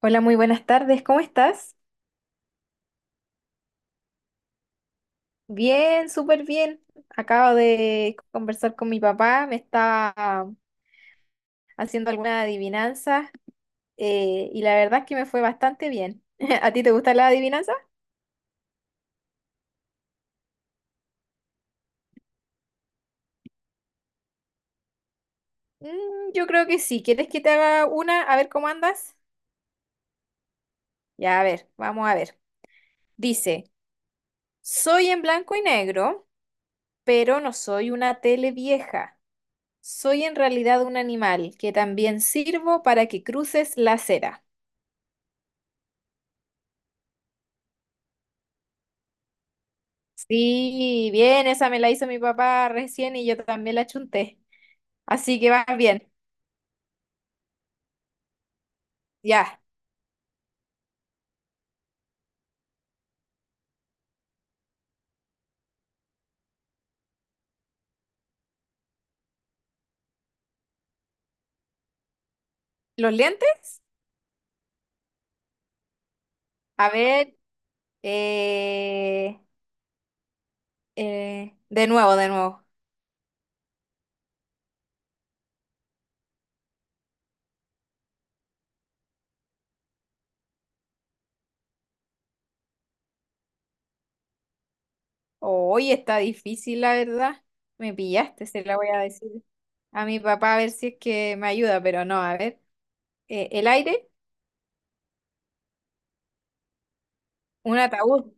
Hola, muy buenas tardes, ¿cómo estás? Bien, súper bien. Acabo de conversar con mi papá, me estaba haciendo algunas adivinanzas y la verdad es que me fue bastante bien. ¿A ti te gusta la adivinanza yo creo que sí. ¿Quieres que te haga una? A ver cómo andas. Ya, a ver, vamos a ver. Dice, soy en blanco y negro, pero no soy una tele vieja. Soy en realidad un animal que también sirvo para que cruces la acera. Sí, bien, esa me la hizo mi papá recién y yo también la chunté. Así que va bien. Ya. ¿Los lentes? A ver, eh, de nuevo, de nuevo. Hoy está difícil, la verdad. Me pillaste, se la voy a decir a mi papá a ver si es que me ayuda, pero no, a ver. El aire, un ataúd.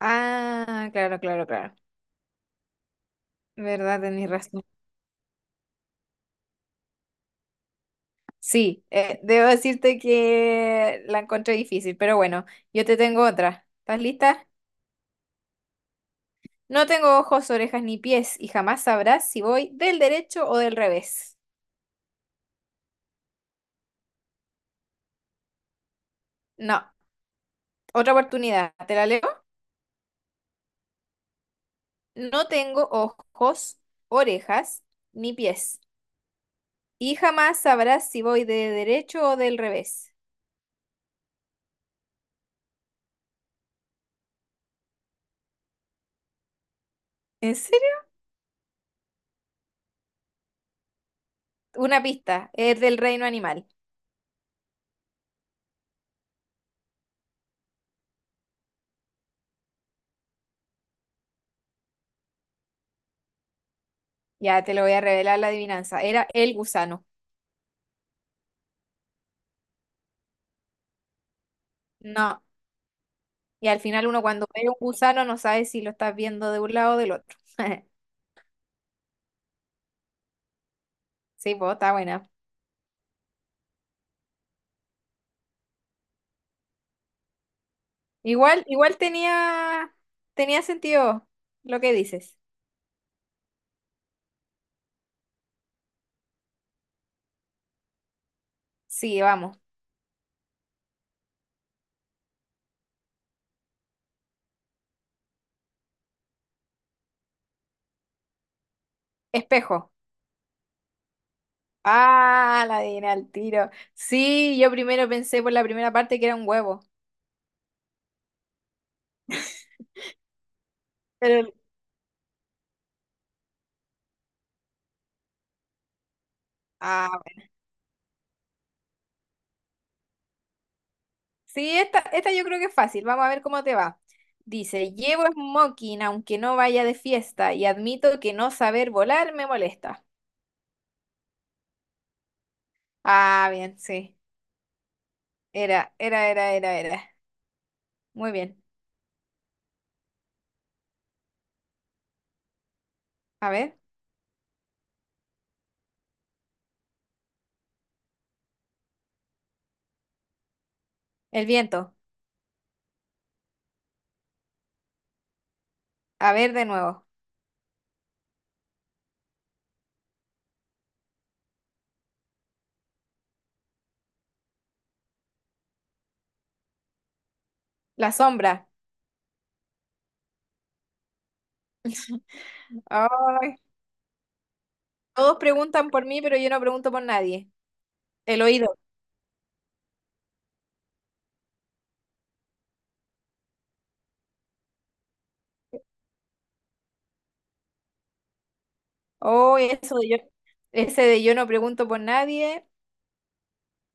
Ah, claro, claro, claro. ¿Verdad? Tenés razón. Sí, debo decirte que la encontré difícil, pero bueno, yo te tengo otra. ¿Estás lista? No tengo ojos, orejas ni pies y jamás sabrás si voy del derecho o del revés. No, otra oportunidad, ¿te la leo? No tengo ojos, orejas ni pies y jamás sabrás si voy de derecho o del revés. ¿En serio? Una pista, es del reino animal. Ya te lo voy a revelar la adivinanza. Era el gusano. No. Y al final uno cuando ve un gusano no sabe si lo estás viendo de un lado o del otro. Sí, pues está buena. Igual, igual tenía sentido lo que dices. Sí, vamos. Espejo. Ah, la adiviné al tiro. Sí, yo primero pensé por la primera parte que era un huevo. Pero... Ah, bueno. Sí, esta yo creo que es fácil. Vamos a ver cómo te va. Dice, llevo smoking aunque no vaya de fiesta y admito que no saber volar me molesta. Ah, bien, sí. Era, era, era, era, era. Muy bien. A ver, el viento. A ver de nuevo. La sombra. Ay, todos preguntan por mí, pero yo no pregunto por nadie. El oído. Oh, eso de yo. Ese de yo no pregunto por nadie.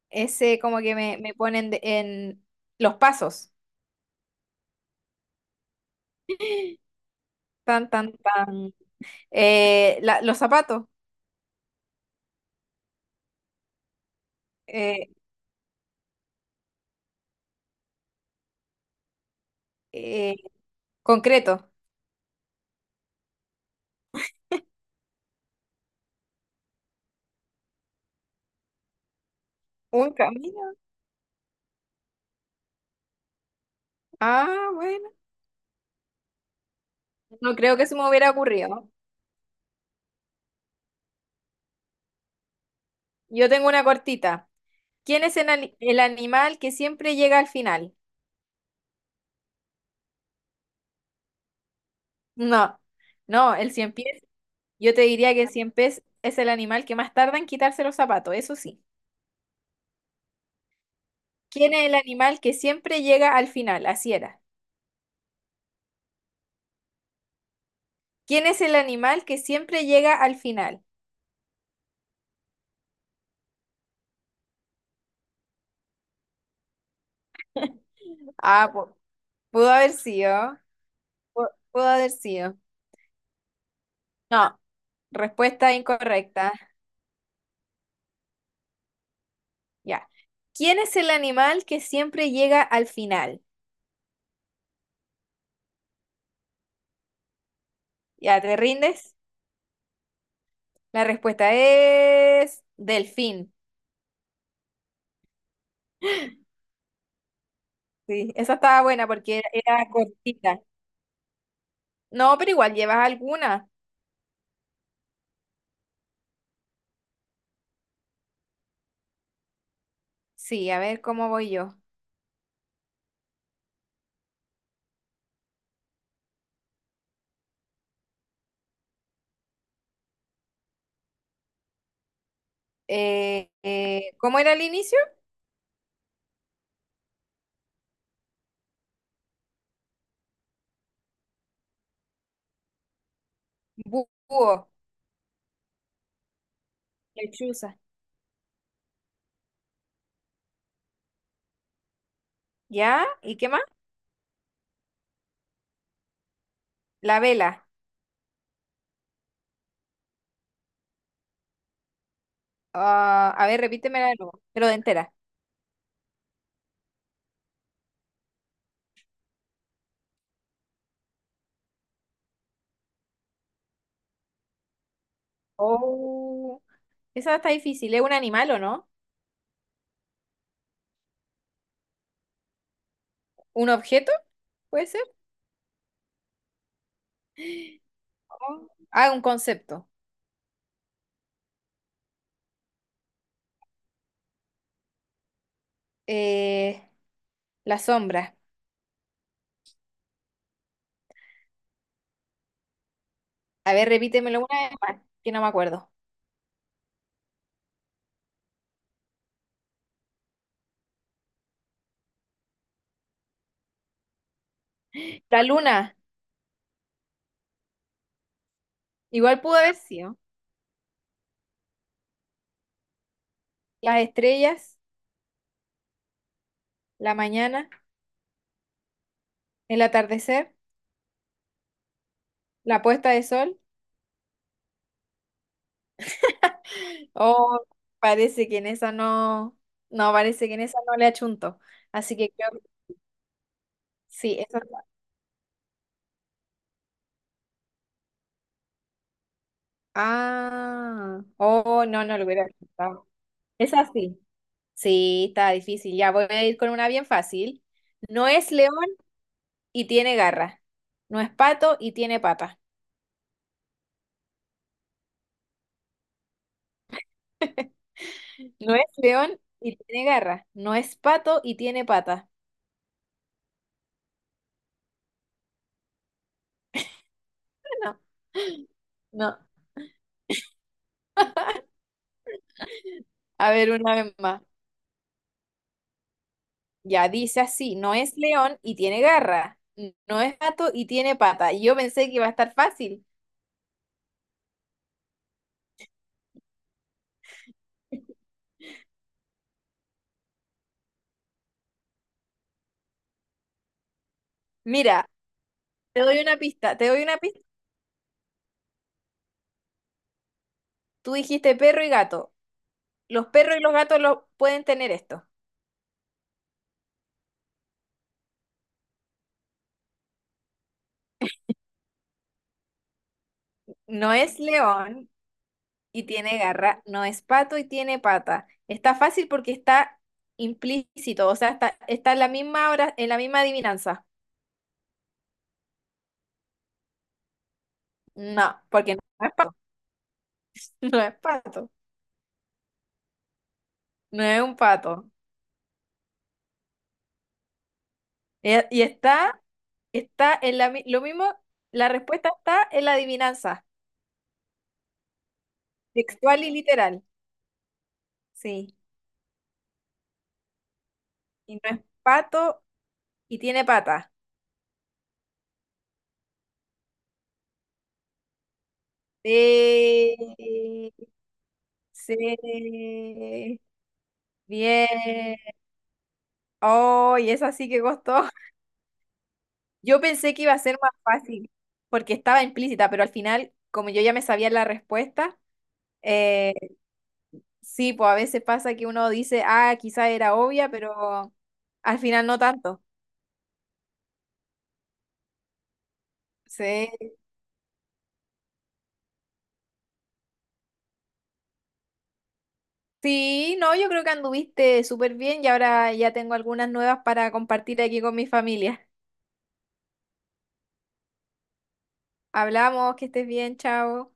Ese como que me ponen de- en los pasos. Tan, tan, tan. La- los zapatos. Eh, eh, concreto. Un camino. Ah, bueno. No creo que se me hubiera ocurrido. Yo tengo una cortita. ¿Quién es el, ani- el animal que siempre llega al final? No, no, el cien pies. Yo te diría que el cien pies es el animal que más tarda en quitarse los zapatos, eso sí. ¿Quién es el animal que siempre llega al final? Así era. ¿Quién es el animal que siempre llega al final? Ah, pu- pudo haber sido. Pu- Pudo haber sido. No, respuesta incorrecta. Ya. ¿Quién es el animal que siempre llega al final? ¿Ya te rindes? La respuesta es delfín. Sí, esa estaba buena porque era cortita. No, pero igual llevas alguna. Sí, a ver cómo voy yo. ¿Cómo era el inicio? Bu- Búho, lechuza. ¿Ya? ¿Y qué más? La vela. Ah, a ver, repítemela de nuevo, pero de entera. Oh, esa está difícil. ¿Es un animal o no? ¿Un objeto? ¿Puede ser? Oh, Ah, un concepto. Eh, la sombra. A ver, repítemelo una vez más, que no me acuerdo. La luna. Igual pudo haber sido. Las estrellas, la mañana, el atardecer, la puesta de sol. Oh, parece que en esa no, no, parece que en esa no le achunto. Así que creo que sí, esa. Ah, oh, no, no lo hubiera achuntado. Es así. Sí, está difícil. Ya voy a ir con una bien fácil. No es león y tiene garra. No es pato y tiene pata. No es león y tiene garra. No es pato y tiene pata. No, no. A ver, una vez más. Ya dice así, no es león y tiene garra, n- no es gato y tiene pata. Y yo pensé que iba a estar fácil. Mira, te doy una pista, te doy una pista. Tú dijiste perro y gato. Los perros y los gatos lo pueden tener esto. No es león y tiene garra, no es pato y tiene pata. Está fácil porque está implícito, o sea, está en la misma hora, en la misma adivinanza. No, porque no es pato, no es pato, no es un pato. Y está Está en la, mi- lo mismo, la respuesta está en la adivinanza, textual y literal. Sí. Y no es pato y tiene pata. Sí. Sí. Bien. Oh, y esa sí que costó. Yo pensé que iba a ser más fácil porque estaba implícita, pero al final, como yo ya me sabía la respuesta, eh, sí, pues a veces pasa que uno dice, ah, quizá era obvia, pero al final no tanto. Sí. Sí, no, yo creo que anduviste súper bien y ahora ya tengo algunas nuevas para compartir aquí con mi familia. Hablamos, que estés bien, chao.